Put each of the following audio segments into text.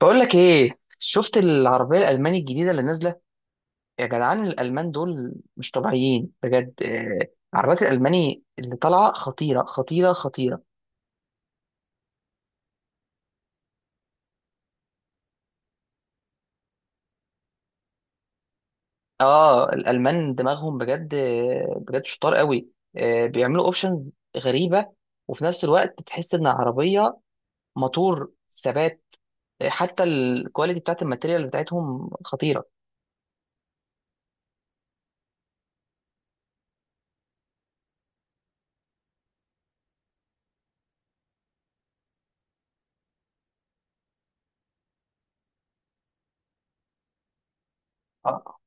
بقول لك ايه، شفت العربيه الالماني الجديده اللي نازله. يا جدعان، الالمان دول مش طبيعيين بجد. عربيات الالماني اللي طالعه خطيره خطيره خطيره. اه الالمان دماغهم بجد. بجد شطار قوي. بيعملوا اوبشنز غريبه. وفي نفس الوقت تحس ان العربيه موتور ثبات. حتى الكواليتي بتاعت الماتيريال بتاعتهم خطيره. اه.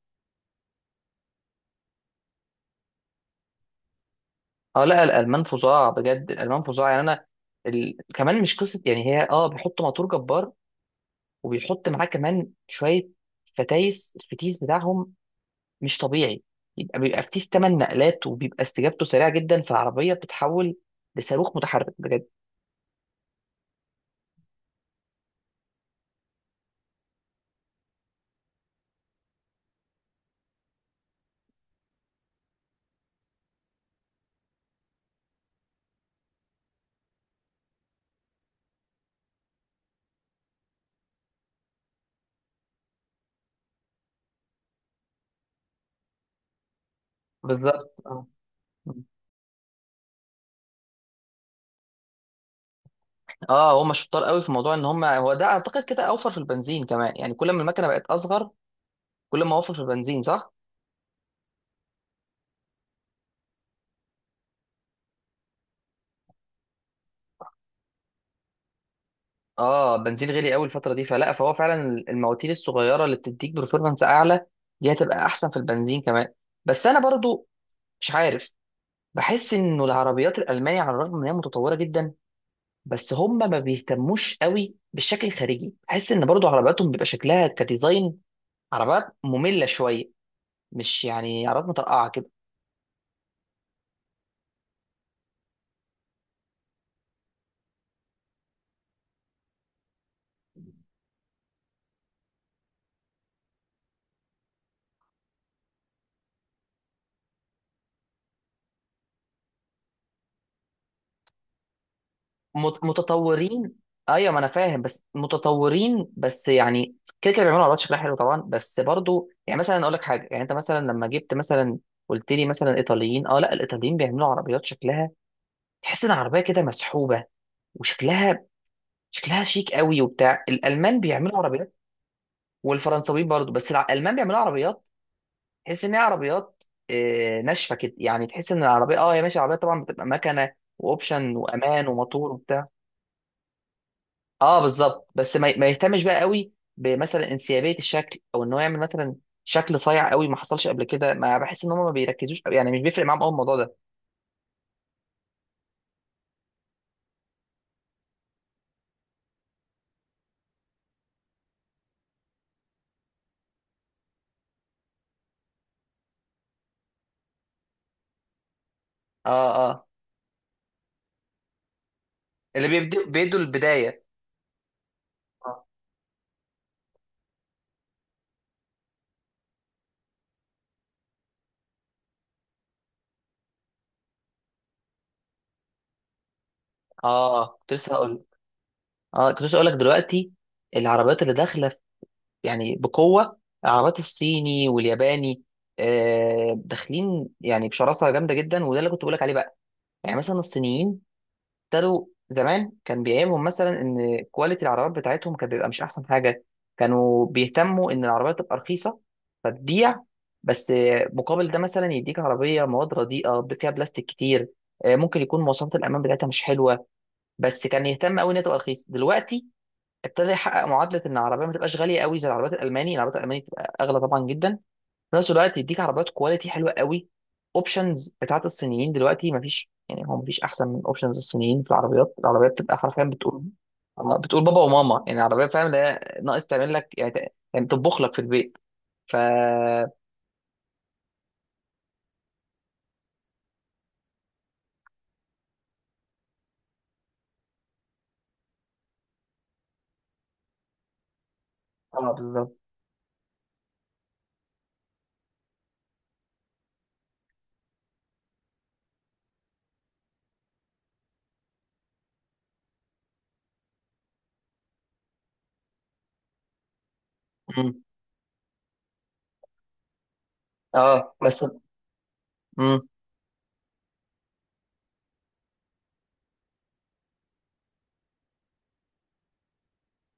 لا، الالمان فظاع بجد، الالمان فظاع. يعني انا كمان مش قصه، يعني هي بيحطوا موتور جبار. وبيحط معاه كمان شويه الفتيس بتاعهم مش طبيعي. يبقى فتيس 8 نقلات، وبيبقى استجابته سريعه جدا، فالعربيه بتتحول لصاروخ متحرك بجد. بالظبط. اه اه هم شطار قوي في موضوع ان هم، هو ده اعتقد كده اوفر في البنزين كمان، يعني كل ما المكنه بقت اصغر كل ما اوفر في البنزين، صح. اه، بنزين غالي قوي الفتره دي، فلا فهو فعلا المواتير الصغيره اللي بتديك برفورمانس اعلى دي هتبقى احسن في البنزين كمان. بس انا برضو مش عارف، بحس انه العربيات الالمانية على الرغم ان هي متطورة جدا، بس هم ما بيهتموش قوي بالشكل الخارجي. بحس ان برضو عربياتهم بيبقى شكلها كديزاين عربيات مملة شوية، مش يعني عربيات مترقعة كده. متطورين. ايوه ما انا فاهم، بس متطورين بس، يعني كده كده بيعملوا عربيات شكلها حلو طبعا، بس برضو يعني مثلا اقول لك حاجة، يعني انت مثلا لما جبت مثلا قلت لي مثلا ايطاليين، اه لا، الايطاليين بيعملوا عربيات شكلها تحس ان العربية كده مسحوبة، وشكلها شكلها شيك قوي وبتاع. الالمان بيعملوا عربيات والفرنساويين برضو، بس الالمان بيعملوا عربيات تحس ان هي عربيات ناشفه كده. يعني تحس ان العربيه هي ماشي، العربيه طبعا بتبقى مكنه واوبشن وامان وموتور وبتاع. اه بالظبط، بس ما يهتمش بقى قوي بمثلا انسيابيه الشكل، او ان هو يعمل مثلا شكل صايع قوي ما حصلش قبل كده. ما بحس ان هم ما بيركزوش قوي، يعني مش بيفرق معاهم قوي الموضوع ده. اه. اللي بيدوا البدايه. اه كنت لسه هقول اه كنت لسه هقول لك دلوقتي العربيات اللي داخله يعني بقوة، العربيات الصيني والياباني داخلين يعني بشراسة جامدة جدا، وده اللي كنت بقولك عليه بقى. يعني مثلا الصينيين ابتدوا زمان كان بيعيبهم مثلا ان كواليتي العربيات بتاعتهم كان بيبقى مش احسن حاجة. كانوا بيهتموا ان العربية تبقى رخيصة فتبيع، بس مقابل ده مثلا يديك عربية مواد رديئة فيها بلاستيك كتير. ممكن يكون مواصفات الأمان بتاعتها مش حلوة. بس كان يهتم قوي إن هي تبقى رخيصة. دلوقتي ابتدى يحقق معادله ان العربيه ما تبقاش غاليه قوي زي العربيات الالماني. العربيات الالماني تبقى اغلى طبعا جدا، في نفس الوقت يديك عربيات كواليتي حلوه قوي. اوبشنز بتاعت الصينيين دلوقتي ما فيش، يعني هو ما فيش احسن من اوبشنز الصينيين في العربيات. العربيات بتبقى حرفيا بتقول بتقول بابا وماما، يعني العربيه فاهم اللي هي ناقص تعمل لك، يعني يعني تطبخ لك في البيت. ف اه بالظبط. مم. اه بس. مم.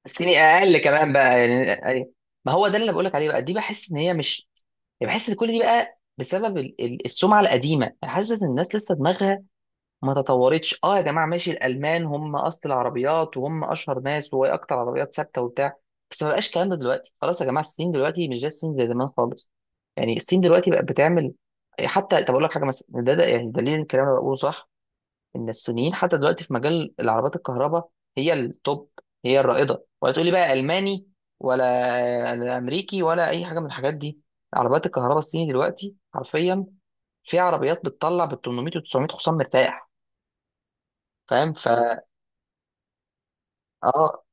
الصيني اقل كمان بقى، يعني. ما هو ده اللي بقولك عليه بقى. دي بحس ان هي مش، يعني بحس ان كل دي بقى بسبب السمعه القديمه. انا حاسس ان الناس لسه دماغها ما تطورتش. اه يا جماعه، ماشي الالمان هم اصل العربيات وهم اشهر ناس وهي اكتر عربيات ثابته وبتاع، بس ما بقاش الكلام ده دلوقتي. خلاص يا جماعه، الصين دلوقتي مش زي الصين زي زمان خالص. يعني الصين دلوقتي بقت بتعمل، حتى طب اقول لك حاجه مثلا، ده يعني دليل الكلام اللي أنا بقوله صح. ان الصينيين حتى دلوقتي في مجال العربيات الكهرباء هي التوب، هي الرائده، ولا تقولي بقى الماني ولا امريكي ولا اي حاجه من الحاجات دي. عربيات الكهرباء الصيني دلوقتي حرفيا في عربيات بتطلع بال 800 و 900 حصان مرتاح. فاهم؟ ف اه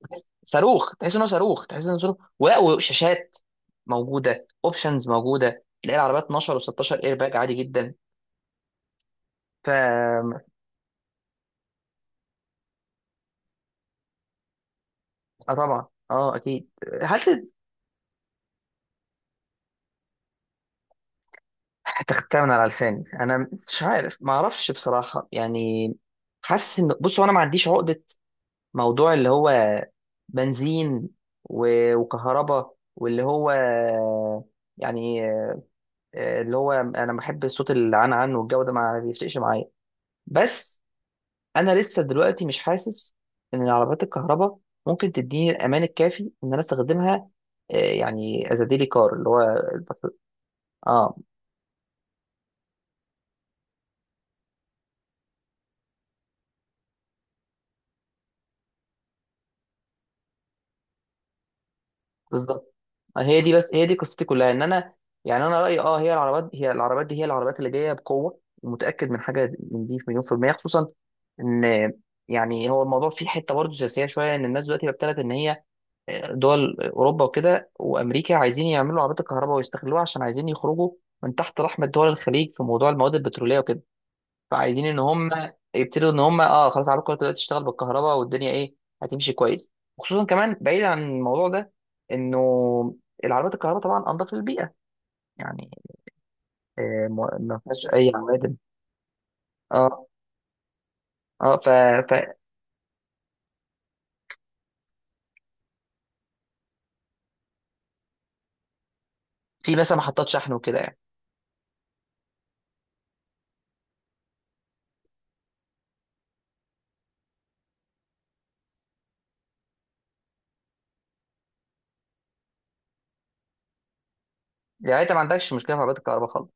صاروخ، تحس انه صاروخ تحس انه صاروخ، ولا وشاشات موجوده، اوبشنز موجوده، تلاقي العربيات 12 و16 اير باج عادي جدا. ف اه طبعا اه اكيد. هل هتختها من على لساني؟ انا مش عارف، ما اعرفش بصراحه. يعني حاسس ان، بص هو انا ما عنديش عقده موضوع اللي هو بنزين وكهرباء واللي هو يعني اللي هو انا بحب صوت العن عن والجو ده ما بيفرقش معايا. بس انا لسه دلوقتي مش حاسس ان العربيات الكهرباء ممكن تديني الامان الكافي ان انا استخدمها. يعني از ديلي كار، اللي هو البطل. اه بالظبط. هي دي بس هي دي قصتي كلها، ان انا يعني انا رايي اه هي العربات، هي العربات دي، هي العربات اللي جايه بقوه، ومتاكد من حاجه من دي في مليون في الميه. خصوصا ان يعني، هو الموضوع فيه حته برضه سياسيه شويه، ان الناس دلوقتي ابتدت ان هي دول اوروبا وكده وامريكا عايزين يعملوا عربيات الكهرباء ويستغلوها، عشان عايزين يخرجوا من تحت رحمه دول الخليج في موضوع المواد البتروليه وكده. فعايزين ان هم يبتدوا ان هم اه خلاص عربكم دلوقتي تشتغل بالكهرباء، والدنيا ايه هتمشي كويس. وخصوصا كمان بعيد عن الموضوع ده، انه العربيات الكهرباء طبعا انضف للبيئه، يعني ما ما فيهاش اي عوادم. اه اه ف... ففي مثلا محطات شحن وكده يعني. يعني انت ما عندكش مشكله في عربيات الكهرباء خالص؟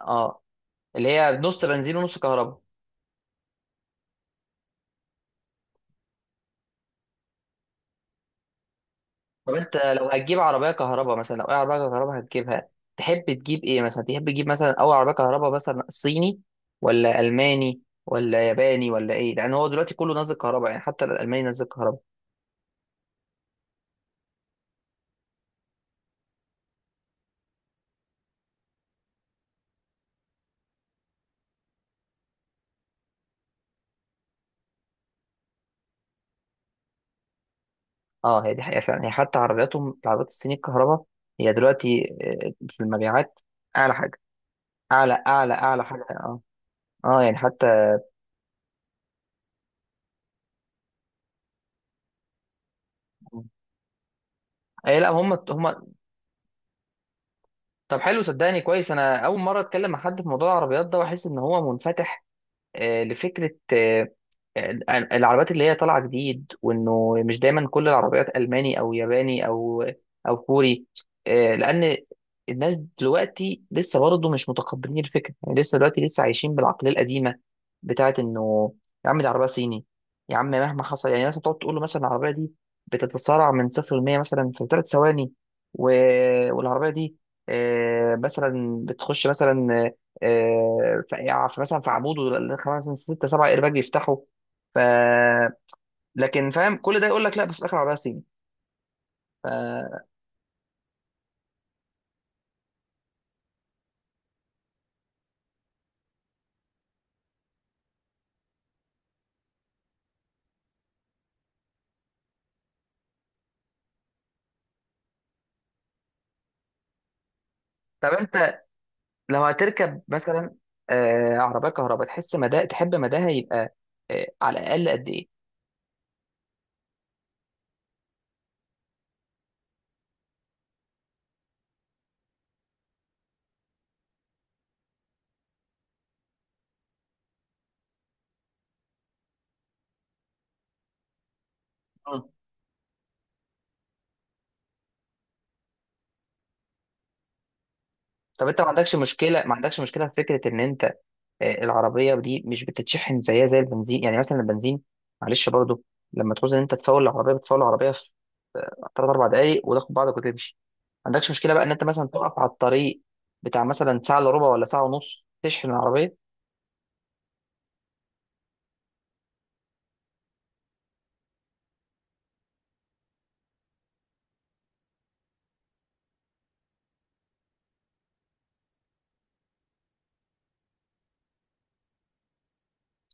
اه اللي هي نص بنزين ونص كهرباء. طب انت لو هتجيب عربيه كهرباء مثلا، لو اي عربيه كهرباء هتجيبها، تحب تجيب ايه؟ مثلا تحب تجيب مثلا اول عربيه كهرباء مثلا صيني ولا الماني ولا ياباني ولا ايه؟ لان هو دلوقتي كله نازل كهرباء، يعني حتى الالماني نازل كهرباء. اه هي دي حقيقه فعلا. هي حتى عربياتهم، العربيات الصيني الكهرباء هي دلوقتي في المبيعات اعلى حاجه. اعلى اعلى اعلى حاجه. اه اه يعني حتى اي لا، هم هم. طب حلو، صدقني كويس انا اول مره اتكلم مع حد في موضوع العربيات ده واحس ان هو منفتح لفكره آه، العربيات اللي هي طالعه جديد، وانه مش دايما كل العربيات الماني او ياباني او او كوري لان الناس دلوقتي لسه برضه مش متقبلين الفكره، يعني لسه دلوقتي لسه عايشين بالعقليه القديمه بتاعت انه يا عم دي عربيه صيني، يا عم مهما حصل. يعني مثلا تقعد تقول له مثلا العربيه دي بتتسارع من صفر ل 100 مثلا في 3 ثواني، و... والعربيه دي مثلا بتخش مثلا في مثلا في عموده 5 6 7 ايرباج يفتحوا، ف لكن فاهم كل ده يقول لك لا، بس في الاخر عربيه صيني. ف... طب انت لو هتركب مثلا عربيه كهرباء، تحس مدى تحب مداها يبقى على الاقل قد ايه؟ مم. طب انت ما عندكش مشكله، ما عندكش مشكله في فكره ان انت العربيه دي مش بتتشحن زيها زي البنزين، يعني مثلا البنزين، معلش برضه، لما تعوز ان انت تفول العربيه بتفول العربيه 3 4 دقايق وتاخد بعضك وتمشي. ما عندكش مشكله بقى ان انت مثلا تقف على الطريق بتاع مثلا ساعه الا ربع ولا ساعه ونص تشحن العربيه؟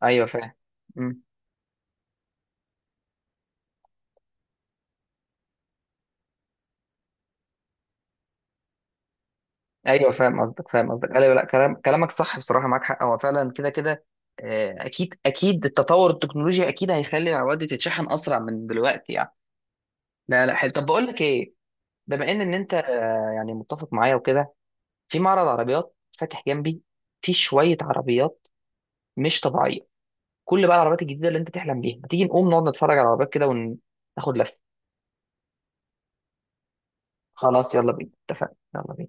ايوه فاهم. مم. ايوه فاهم قصدك فاهم قصدك ايوه. لا كلام كلامك صح بصراحه، معاك حق، هو فعلا كده كده اكيد اكيد. التطور التكنولوجي اكيد هيخلي العربيات دي تتشحن اسرع من دلوقتي يعني. لا لا حلو، طب بقول لك ايه، بما ان انت يعني متفق معايا وكده، في معرض عربيات فاتح جنبي، في شويه عربيات مش طبيعيه، كل بقى العربيات الجديده اللي انت تحلم بيها، ما تيجي نقوم نقعد نتفرج على العربيات كده وناخد لفه؟ خلاص يلا بينا اتفقنا، يلا بينا.